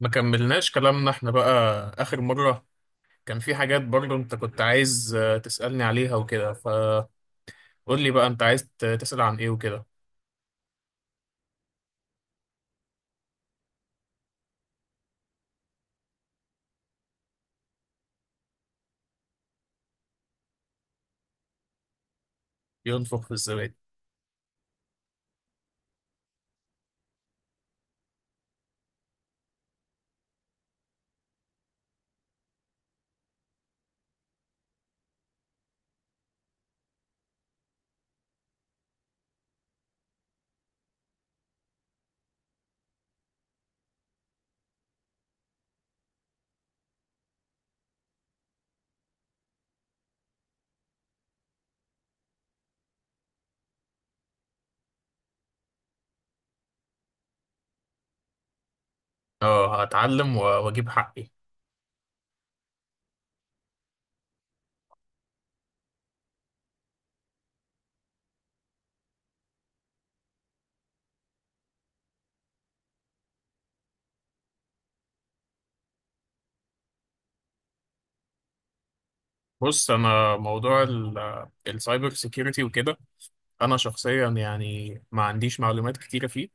ما كملناش كلامنا احنا بقى، آخر مرة. كان في حاجات برضو انت كنت عايز تسألني عليها وكده، فقول لي بقى انت عايز تسأل عن ايه وكده. ينفخ في الزبادي. اه، هتعلم واجيب حقي. بص، انا موضوع السايبر سيكيورتي وكده، انا شخصيا يعني ما عنديش معلومات كتيرة فيه.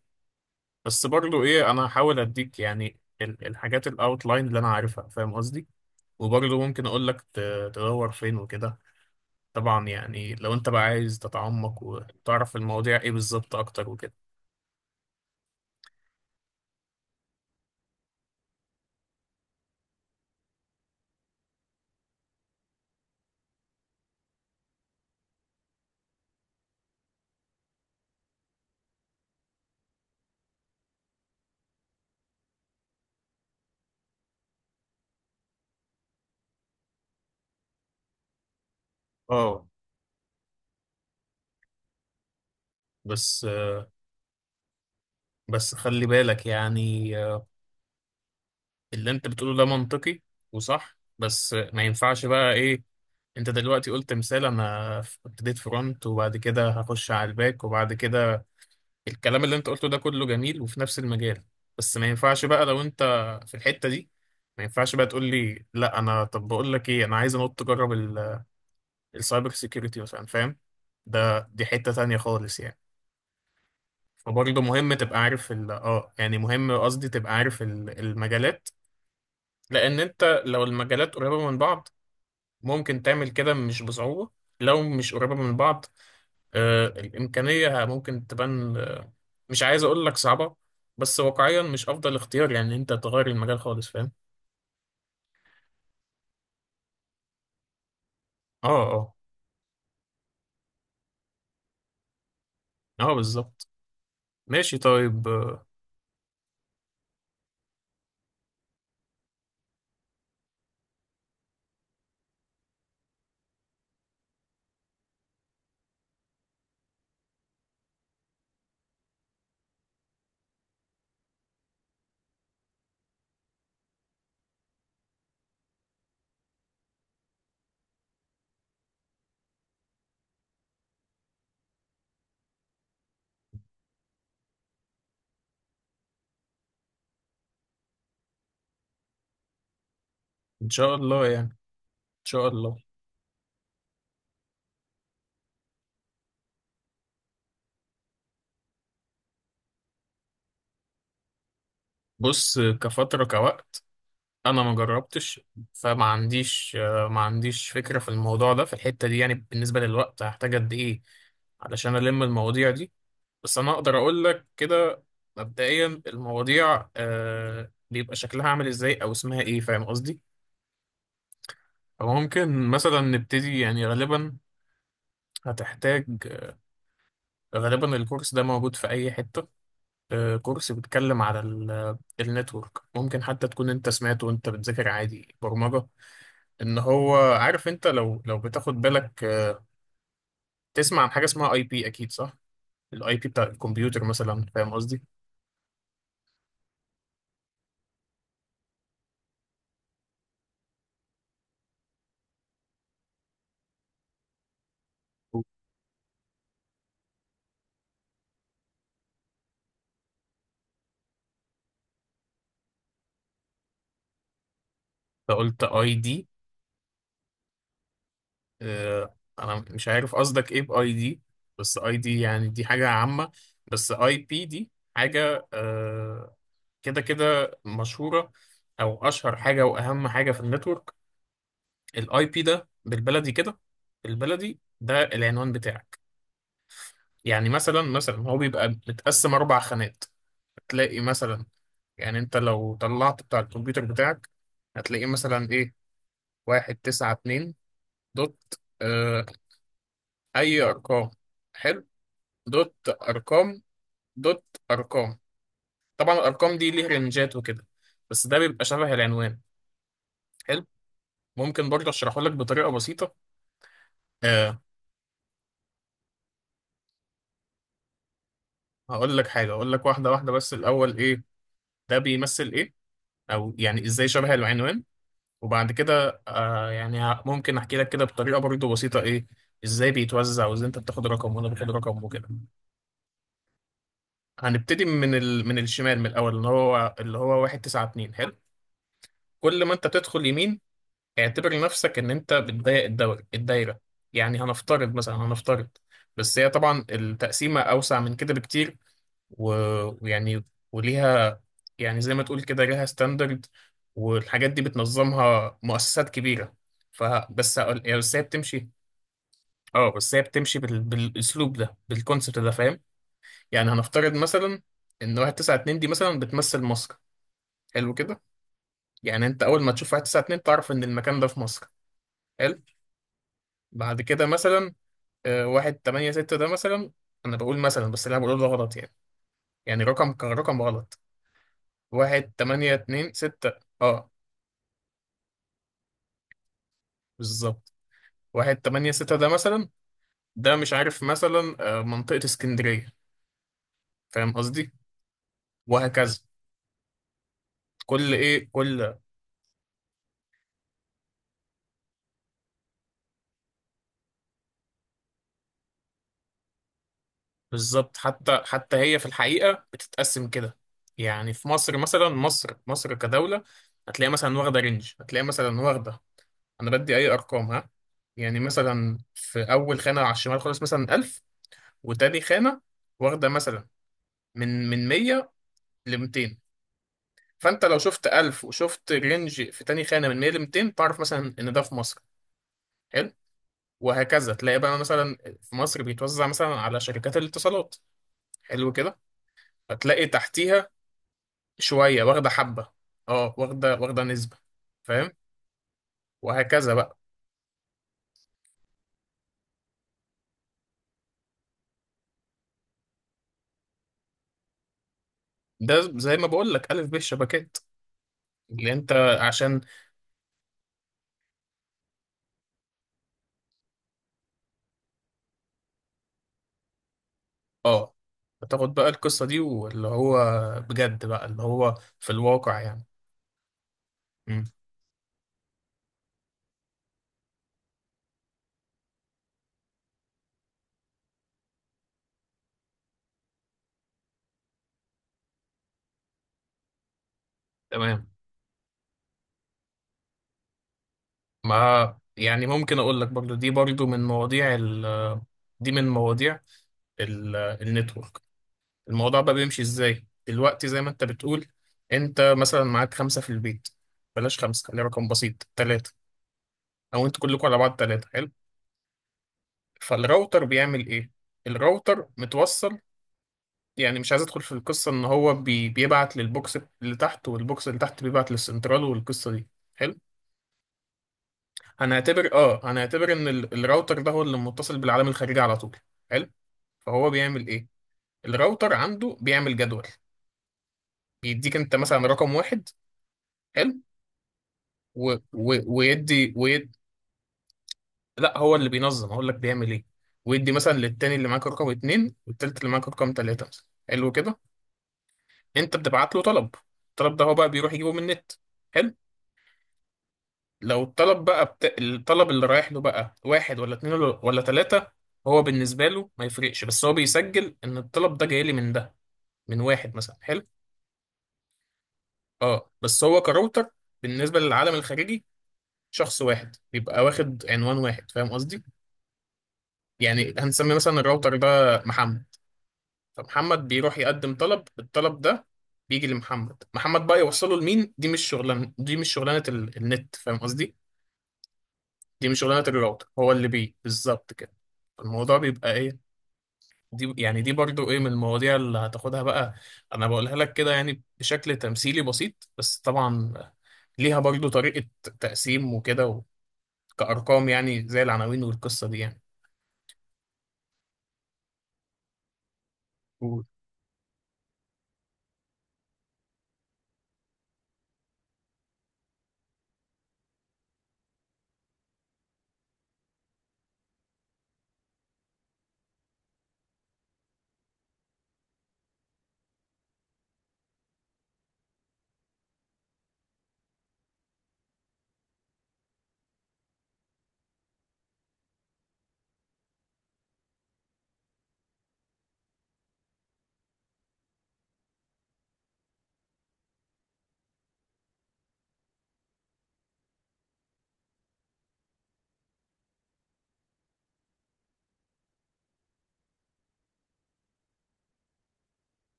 بس برضو ايه، انا هحاول اديك يعني الحاجات الاوتلاين اللي انا عارفها، فاهم قصدي؟ وبرضو ممكن اقول لك تدور فين وكده، طبعا يعني لو انت بقى عايز تتعمق وتعرف المواضيع ايه بالظبط اكتر وكده. اه، بس آه، بس خلي بالك، يعني اللي انت بتقوله ده منطقي وصح، بس ما ينفعش بقى ايه. انت دلوقتي قلت مثال، انا ابتديت فرونت وبعد كده هخش على الباك وبعد كده الكلام اللي انت قلته ده كله جميل وفي نفس المجال، بس ما ينفعش بقى لو انت في الحتة دي، ما ينفعش بقى تقول لي لا، انا طب بقول لك ايه، انا عايز انط اجرب السايبر سيكيورتي مثلا، فاهم؟ ده دي حتة تانية خالص يعني. فبرضه مهم تبقى عارف ال اه يعني، مهم قصدي، تبقى عارف المجالات. لأن أنت لو المجالات قريبة من بعض، ممكن تعمل كده مش بصعوبة. لو مش قريبة من بعض، آه، الإمكانية ممكن تبان. مش عايز أقول لك صعبة، بس واقعيا مش أفضل اختيار، يعني أنت تغير المجال خالص، فاهم؟ اه، اه، اه، بالظبط. ماشي، طيب. إن شاء الله، يعني، إن شاء الله. بص، كفترة، كوقت، انا ما جربتش، فما عنديش آه، ما عنديش فكره في الموضوع ده، في الحته دي، يعني بالنسبه للوقت هحتاج قد ايه علشان الم المواضيع دي. بس انا اقدر اقول لك كده، مبدئيا المواضيع بيبقى شكلها عامل ازاي او اسمها ايه، فاهم قصدي؟ فممكن مثلا نبتدي، يعني غالبا هتحتاج، غالبا الكورس ده موجود في اي حته. كورس بيتكلم على النتورك، ممكن حتى تكون انت سمعته وانت بتذاكر عادي برمجه، ان هو عارف. انت لو بتاخد بالك تسمع عن حاجه اسمها اي بي، اكيد صح؟ الاي بي بتاع الكمبيوتر مثلا، فاهم قصدي؟ فقلت اي دي. انا مش عارف قصدك ايه باي دي، بس اي دي يعني دي حاجه عامه، بس اي بي دي حاجه كده كده مشهوره، او اشهر حاجه واهم حاجه في النتورك. الاي بي ده بالبلدي كده، بالبلدي ده العنوان بتاعك. يعني مثلا هو بيبقى متقسم اربع خانات، تلاقي مثلا، يعني انت لو طلعت بتاع الكمبيوتر بتاعك، هتلاقيه مثلا ايه: واحد تسعة اتنين دوت. اه، اي ارقام، حلو، دوت، ارقام، دوت، ارقام. طبعا الارقام دي ليه رنجات وكده، بس ده بيبقى شبه العنوان، حلو. ممكن برضه اشرحه لك بطريقة بسيطة. اه، هقول لك حاجة، اقول لك واحدة واحدة. بس الاول ايه ده بيمثل، ايه او يعني ازاي شبه العنوان، وبعد كده ممكن احكي لك كده بطريقه برضه بسيطه ايه ازاي بيتوزع وازاي انت بتاخد رقم وانا باخد رقم وكده. هنبتدي من الشمال، من الاول، اللي هو 1 9 2، حلو. كل ما انت تدخل يمين، اعتبر نفسك ان انت بتضيق الدور، الدايره. يعني هنفترض مثلا، بس هي طبعا التقسيمه اوسع من كده بكتير، ويعني، وليها، يعني زي ما تقول كده ليها ستاندرد، والحاجات دي بتنظمها مؤسسات كبيرة. ف بس هقول- يعني بس هي بتمشي اه، بس هي بتمشي بالاسلوب ده، بالكونسبت ده، فاهم؟ يعني هنفترض مثلا ان 192 دي مثلا بتمثل مصر، حلو كده. يعني انت اول ما تشوف 192 تعرف ان المكان ده في مصر، حلو. بعد كده مثلا 186 ده مثلا، انا بقول مثلا بس اللي انا بقوله ده غلط يعني، يعني رقم كرقم غلط. 1 8 2 6. اه، بالظبط. واحد تمانية ستة ده مثلا، ده مش عارف مثلا منطقة اسكندرية، فاهم قصدي؟ وهكذا، كل بالظبط. حتى هي في الحقيقة بتتقسم كده، يعني في مصر مثلا، مصر كدولة، هتلاقي مثلا واخدة رينج، هتلاقي مثلا واخدة. أنا بدي أي أرقام ها. يعني مثلا في أول خانة على الشمال خالص مثلا 1000، وتاني خانة واخدة مثلا من 100 ل 200. فانت لو شفت 1000 وشفت رينج في تاني خانه من 100 ل 200، تعرف مثلا ان ده في مصر، حلو. وهكذا تلاقي بقى مثلا في مصر بيتوزع مثلا على شركات الاتصالات، حلو كده. فتلاقي تحتيها شويه واخده حبه، اه، واخده نسبه، فاهم؟ وهكذا بقى. ده زي ما بقول لك الف ب الشبكات اللي انت، عشان. اه، بتاخد بقى القصه دي واللي هو، بجد بقى اللي هو في الواقع يعني. مم. تمام. ما يعني ممكن اقول لك برضو، دي من مواضيع النتورك. الموضوع بقى بيمشي ازاي دلوقتي، زي ما انت بتقول، انت مثلا معاك خمسة في البيت، بلاش خمسة، خليه رقم بسيط: ثلاثة، او انتوا كلكم على بعض ثلاثة، حلو. فالراوتر بيعمل ايه؟ الراوتر متوصل، يعني مش عايز ادخل في القصة ان هو بيبعت للبوكس اللي تحت والبوكس اللي تحت بيبعت للسنترال والقصة دي، حلو. هنعتبر ان الراوتر ده هو اللي متصل بالعالم الخارجي على طول، حلو. فهو بيعمل ايه؟ الراوتر عنده بيعمل جدول، بيديك انت مثلا رقم واحد، حلو. و... و... ويدي ويد... لا، هو اللي بينظم، هقول لك بيعمل ايه. ويدي مثلا للتاني اللي معاك رقم اتنين، والتالت اللي معاك رقم تلاتة مثلا، حلو كده. انت بتبعت له طلب، الطلب ده هو بقى بيروح يجيبه من النت، حلو. لو الطلب بقى الطلب اللي رايح له بقى واحد ولا اتنين ولا تلاتة، هو بالنسبة له ما يفرقش، بس هو بيسجل ان الطلب ده جاي لي من ده، من واحد مثلا، حلو. اه، بس هو كراوتر، بالنسبة للعالم الخارجي شخص واحد بيبقى واخد عنوان واحد، فاهم قصدي؟ يعني هنسمي مثلا الراوتر ده محمد، فمحمد بيروح يقدم طلب، الطلب ده بيجي لمحمد، محمد بقى يوصله لمين. دي مش شغلانة النت، فاهم قصدي؟ دي مش شغلانة الراوتر، هو اللي بيه بالظبط كده. الموضوع بيبقى ايه، دي يعني دي برضو ايه من المواضيع اللي هتاخدها بقى. انا بقولها لك كده يعني بشكل تمثيلي بسيط، بس طبعا ليها برضو طريقة تقسيم وكده، كأرقام يعني، زي العناوين والقصة دي يعني. قول.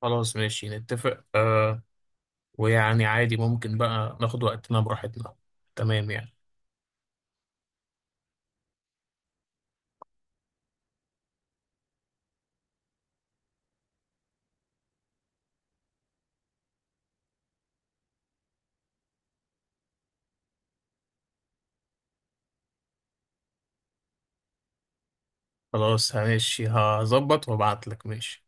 خلاص ماشي، نتفق ويعني عادي، ممكن بقى ناخد وقتنا براحتنا، تمام يعني. خلاص ماشي، هظبط وابعتلك، ماشي.